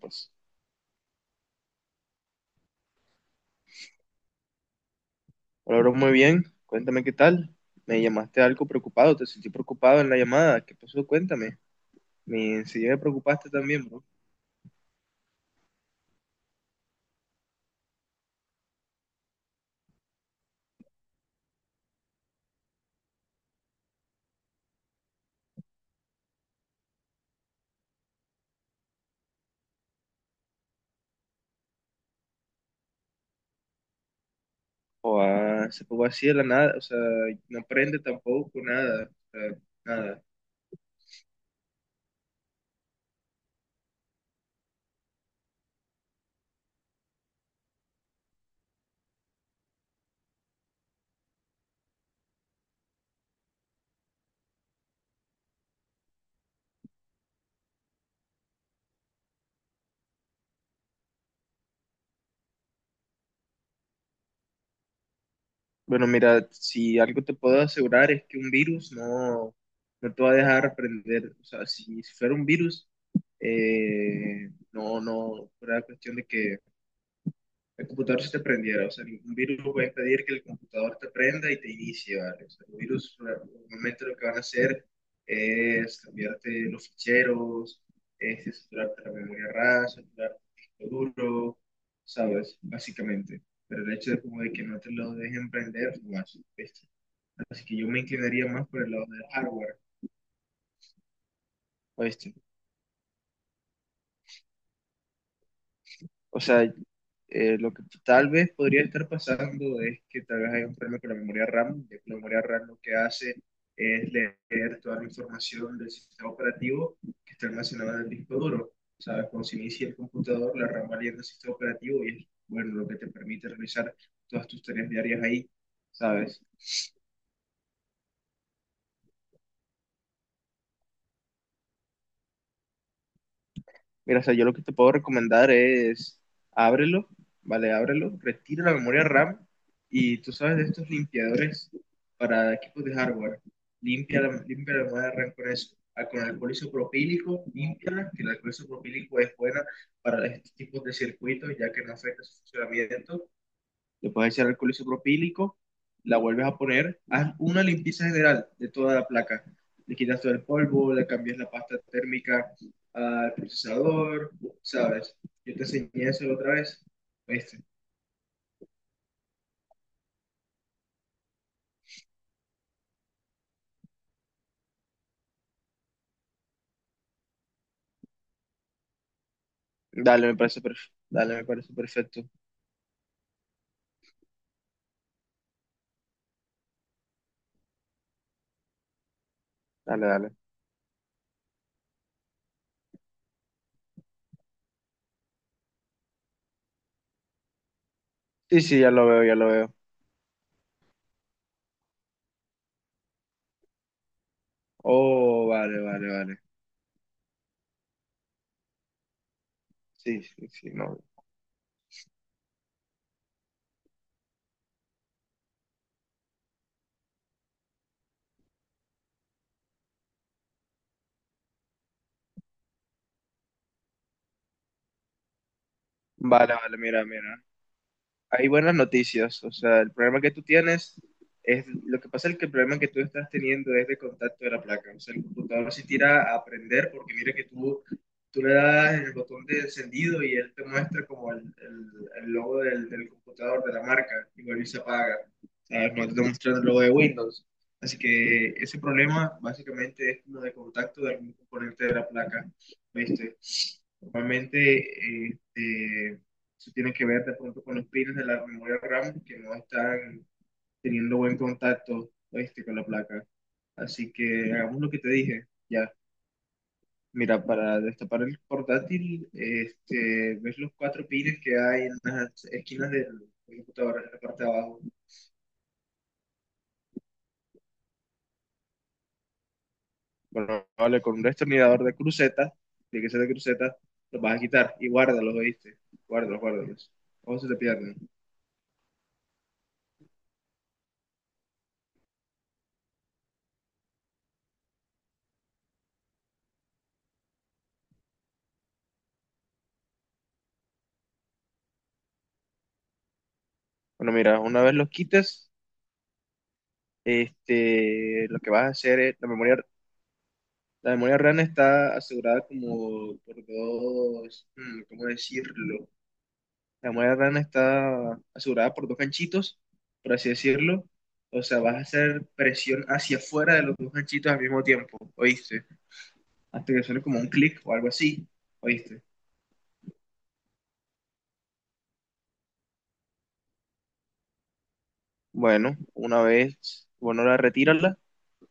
Pues, hola, bro, muy bien. Cuéntame qué tal. Me llamaste algo preocupado, te sentí preocupado en la llamada. ¿Qué pasó? Cuéntame. Me Enseguida me preocupaste también, bro. O, ah, se pongo así de la nada, o sea, no aprende tampoco nada, o sea, nada. Bueno, mira, si algo te puedo asegurar es que un virus no, no te va a dejar aprender. O sea, si fuera un virus, no fuera cuestión de que el computador se te prendiera. O sea, un virus va a impedir que el computador te prenda y te inicie, ¿vale? O sea, los virus normalmente lo que van a hacer es cambiarte los ficheros, es saturarte la memoria RAM, saturarte el disco duro, ¿sabes? Básicamente. Pero el hecho de como de que no te lo dejen prender, no más, ¿viste? Así que yo me inclinaría más por el lado del hardware, ¿viste? O sea, lo que tal vez podría estar pasando es que tal vez hay un problema con la memoria RAM, ya que la memoria RAM lo que hace es leer toda la información del sistema operativo que está almacenada en el disco duro. ¿Sabes? Cuando se inicia el computador, la RAM va leyendo el sistema operativo y es, bueno, lo que te permite realizar todas tus tareas diarias ahí, ¿sabes? Mira, o sea, yo lo que te puedo recomendar es ábrelo, ¿vale? Ábrelo, retira la memoria RAM y tú sabes de estos limpiadores para equipos de hardware. Limpia la memoria RAM con eso. Ah, con alcohol isopropílico, límpiala, que el alcohol isopropílico es buena para estos tipos de circuitos ya que no afecta su funcionamiento. Le puedes echar alcohol isopropílico, la vuelves a poner, haz una limpieza general de toda la placa. Le quitas todo el polvo, le cambias la pasta térmica al procesador, ¿sabes? Yo te enseñé eso la otra vez. ¿Viste? Dale, me parece perfecto. Dale, me parece perfecto. Dale, dale. Sí, sí, ya lo veo, ya lo veo. Oh, vale, vale, vale. Sí, sí, sí, no. Vale, vale, mira, mira. Hay buenas noticias, o sea, el problema que tú tienes lo que pasa es que el problema que tú estás teniendo es de contacto de la placa. O sea, el computador se tira a prender porque mira que tú le das el botón de encendido y él te muestra como el logo del computador de la marca y vuelve y se apaga, ¿sabes? No te está mostrando el logo de Windows. Así que ese problema básicamente es como de contacto de algún componente de la placa, ¿viste? Normalmente, este, eso tiene que ver de pronto con los pines de la memoria RAM que no están teniendo buen contacto, este, con la placa. Así que hagamos lo que te dije. Ya, mira, para destapar el portátil, este, ves los cuatro pines que hay en las esquinas del computador, en la parte de abajo. Bueno, vale, con un destornillador de cruceta, de que sea de cruceta, los vas a quitar y guárdalos, ¿oíste? Guárdalos, guárdalos. Ojo, se te pierden. Bueno, mira, una vez los quites, este, lo que vas a hacer es la memoria. La memoria RAM está asegurada como por dos, ¿cómo decirlo? La memoria RAM está asegurada por dos ganchitos, por así decirlo. O sea, vas a hacer presión hacia afuera de los dos ganchitos al mismo tiempo, ¿oíste? Hasta que suene como un clic o algo así, ¿oíste? Bueno, una vez, bueno, la retírala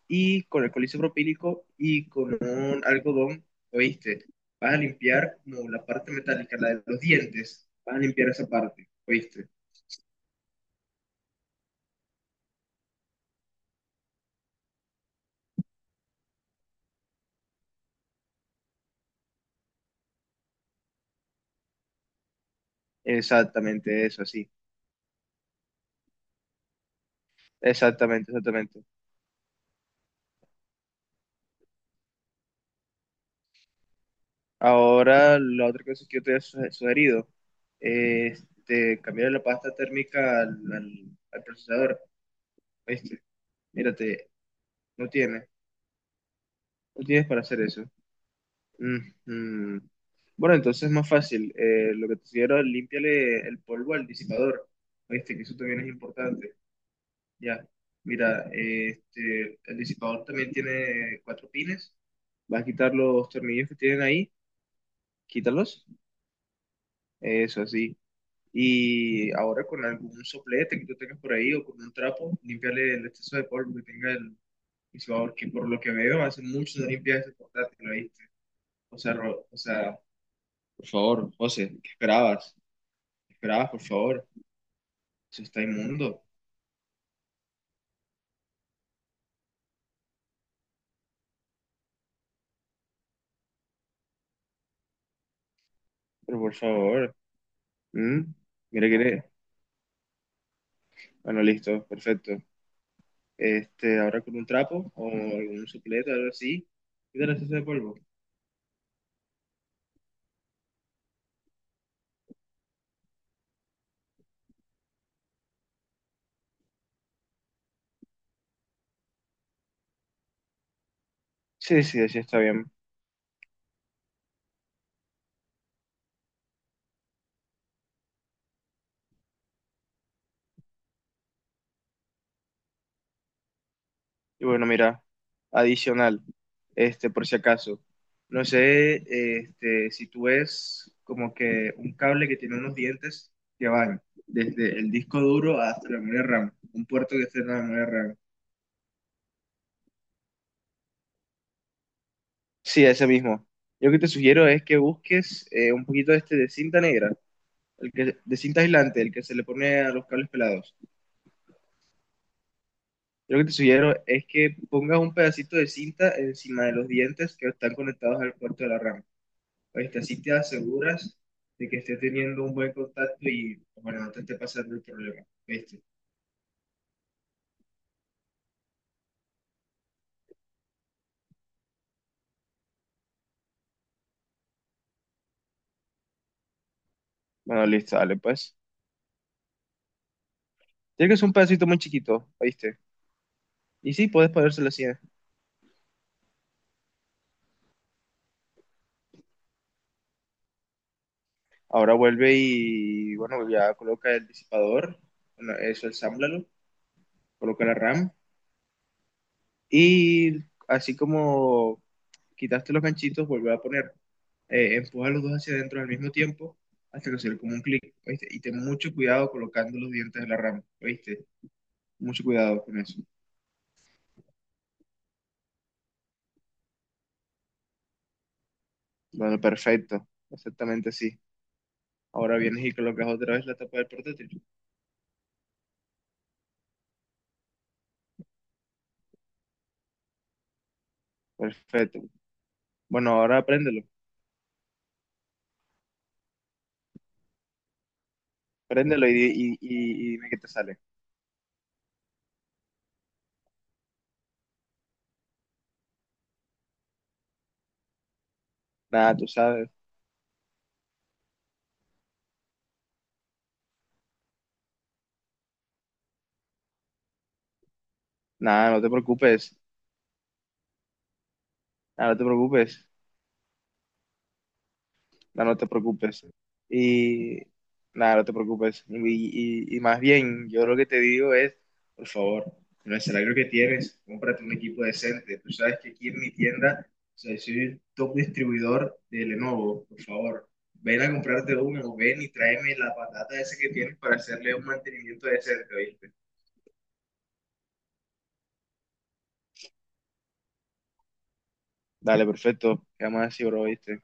y con alcohol isopropílico y con un algodón, ¿oíste? Vas a limpiar como la parte metálica, la de los dientes, vas a limpiar esa parte, ¿oíste? Exactamente eso, sí. Exactamente, exactamente. Ahora, la otra cosa que yo te he sugerido es de cambiar la pasta térmica al procesador. Este, mírate, no tiene, no tienes para hacer eso. Mm, mm. Bueno, entonces es más fácil. Lo que te sugiero, límpiale el polvo al disipador. Este, que eso también es importante. Ya, mira, este, el disipador también tiene cuatro pines. Vas a quitar los tornillos que tienen ahí. Quítalos, eso así. Y ahora con algún soplete que tú tengas por ahí o con un trapo, limpiarle el exceso de polvo que tenga el visuador, que por lo que veo hace mucho no limpias ese portátil, ¿oíste? O sea, o sea, por favor, José, ¿qué esperabas? ¿Qué esperabas, por favor? Eso está inmundo, pero por favor. ¿Mm? Mira, mira. Bueno, listo, perfecto. Este, ahora con un trapo o algún soplete algo así, quítale el exceso de polvo. Sí, sí, así está bien. Y bueno, mira, adicional, este, por si acaso, no sé, este, si tú ves como que un cable que tiene unos dientes que van desde el disco duro hasta la memoria RAM, un puerto que esté en la memoria RAM. Sí, ese mismo. Yo lo que te sugiero es que busques, un poquito, este, de cinta negra, el que, de cinta aislante, el que se le pone a los cables pelados. Yo lo que te sugiero es que pongas un pedacito de cinta encima de los dientes que están conectados al puerto de la RAM. Este, así te aseguras de que esté teniendo un buen contacto y, bueno, no te esté pasando el problema, ¿viste? Bueno, listo, dale, pues. Tiene que ser un pedacito muy chiquito, ¿oíste? Y sí, puedes ponérselo así, ¿eh? Ahora vuelve y, bueno, ya coloca el disipador, bueno, eso, ensámblalo, coloca la RAM y, así como quitaste los ganchitos, vuelve a poner, empuja los dos hacia adentro al mismo tiempo hasta que se le como un clic, ¿oíste? Y ten mucho cuidado colocando los dientes de la RAM, ¿oíste? Mucho cuidado con eso. Bueno, perfecto. Exactamente sí. Ahora vienes y colocas otra vez la tapa del portátil. Perfecto. Bueno, ahora préndelo. Préndelo y y dime qué te sale. Nada, tú sabes. Nada, no te preocupes. Nada, no te preocupes. No, no te preocupes. Y nada, no te preocupes. Y más bien, yo lo que te digo es, por favor, con el salario que tienes, cómprate un equipo decente. Tú sabes que aquí en mi tienda, o sea, soy top distribuidor de Lenovo, por favor. Ven a comprarte uno, o ven y tráeme la patata esa que tienes para hacerle un mantenimiento decente, ¿oíste? Dale, perfecto. Quedamos así, bro, viste.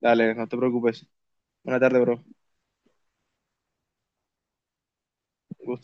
Dale, no te preocupes. Buena tarde, bro. Un gusto.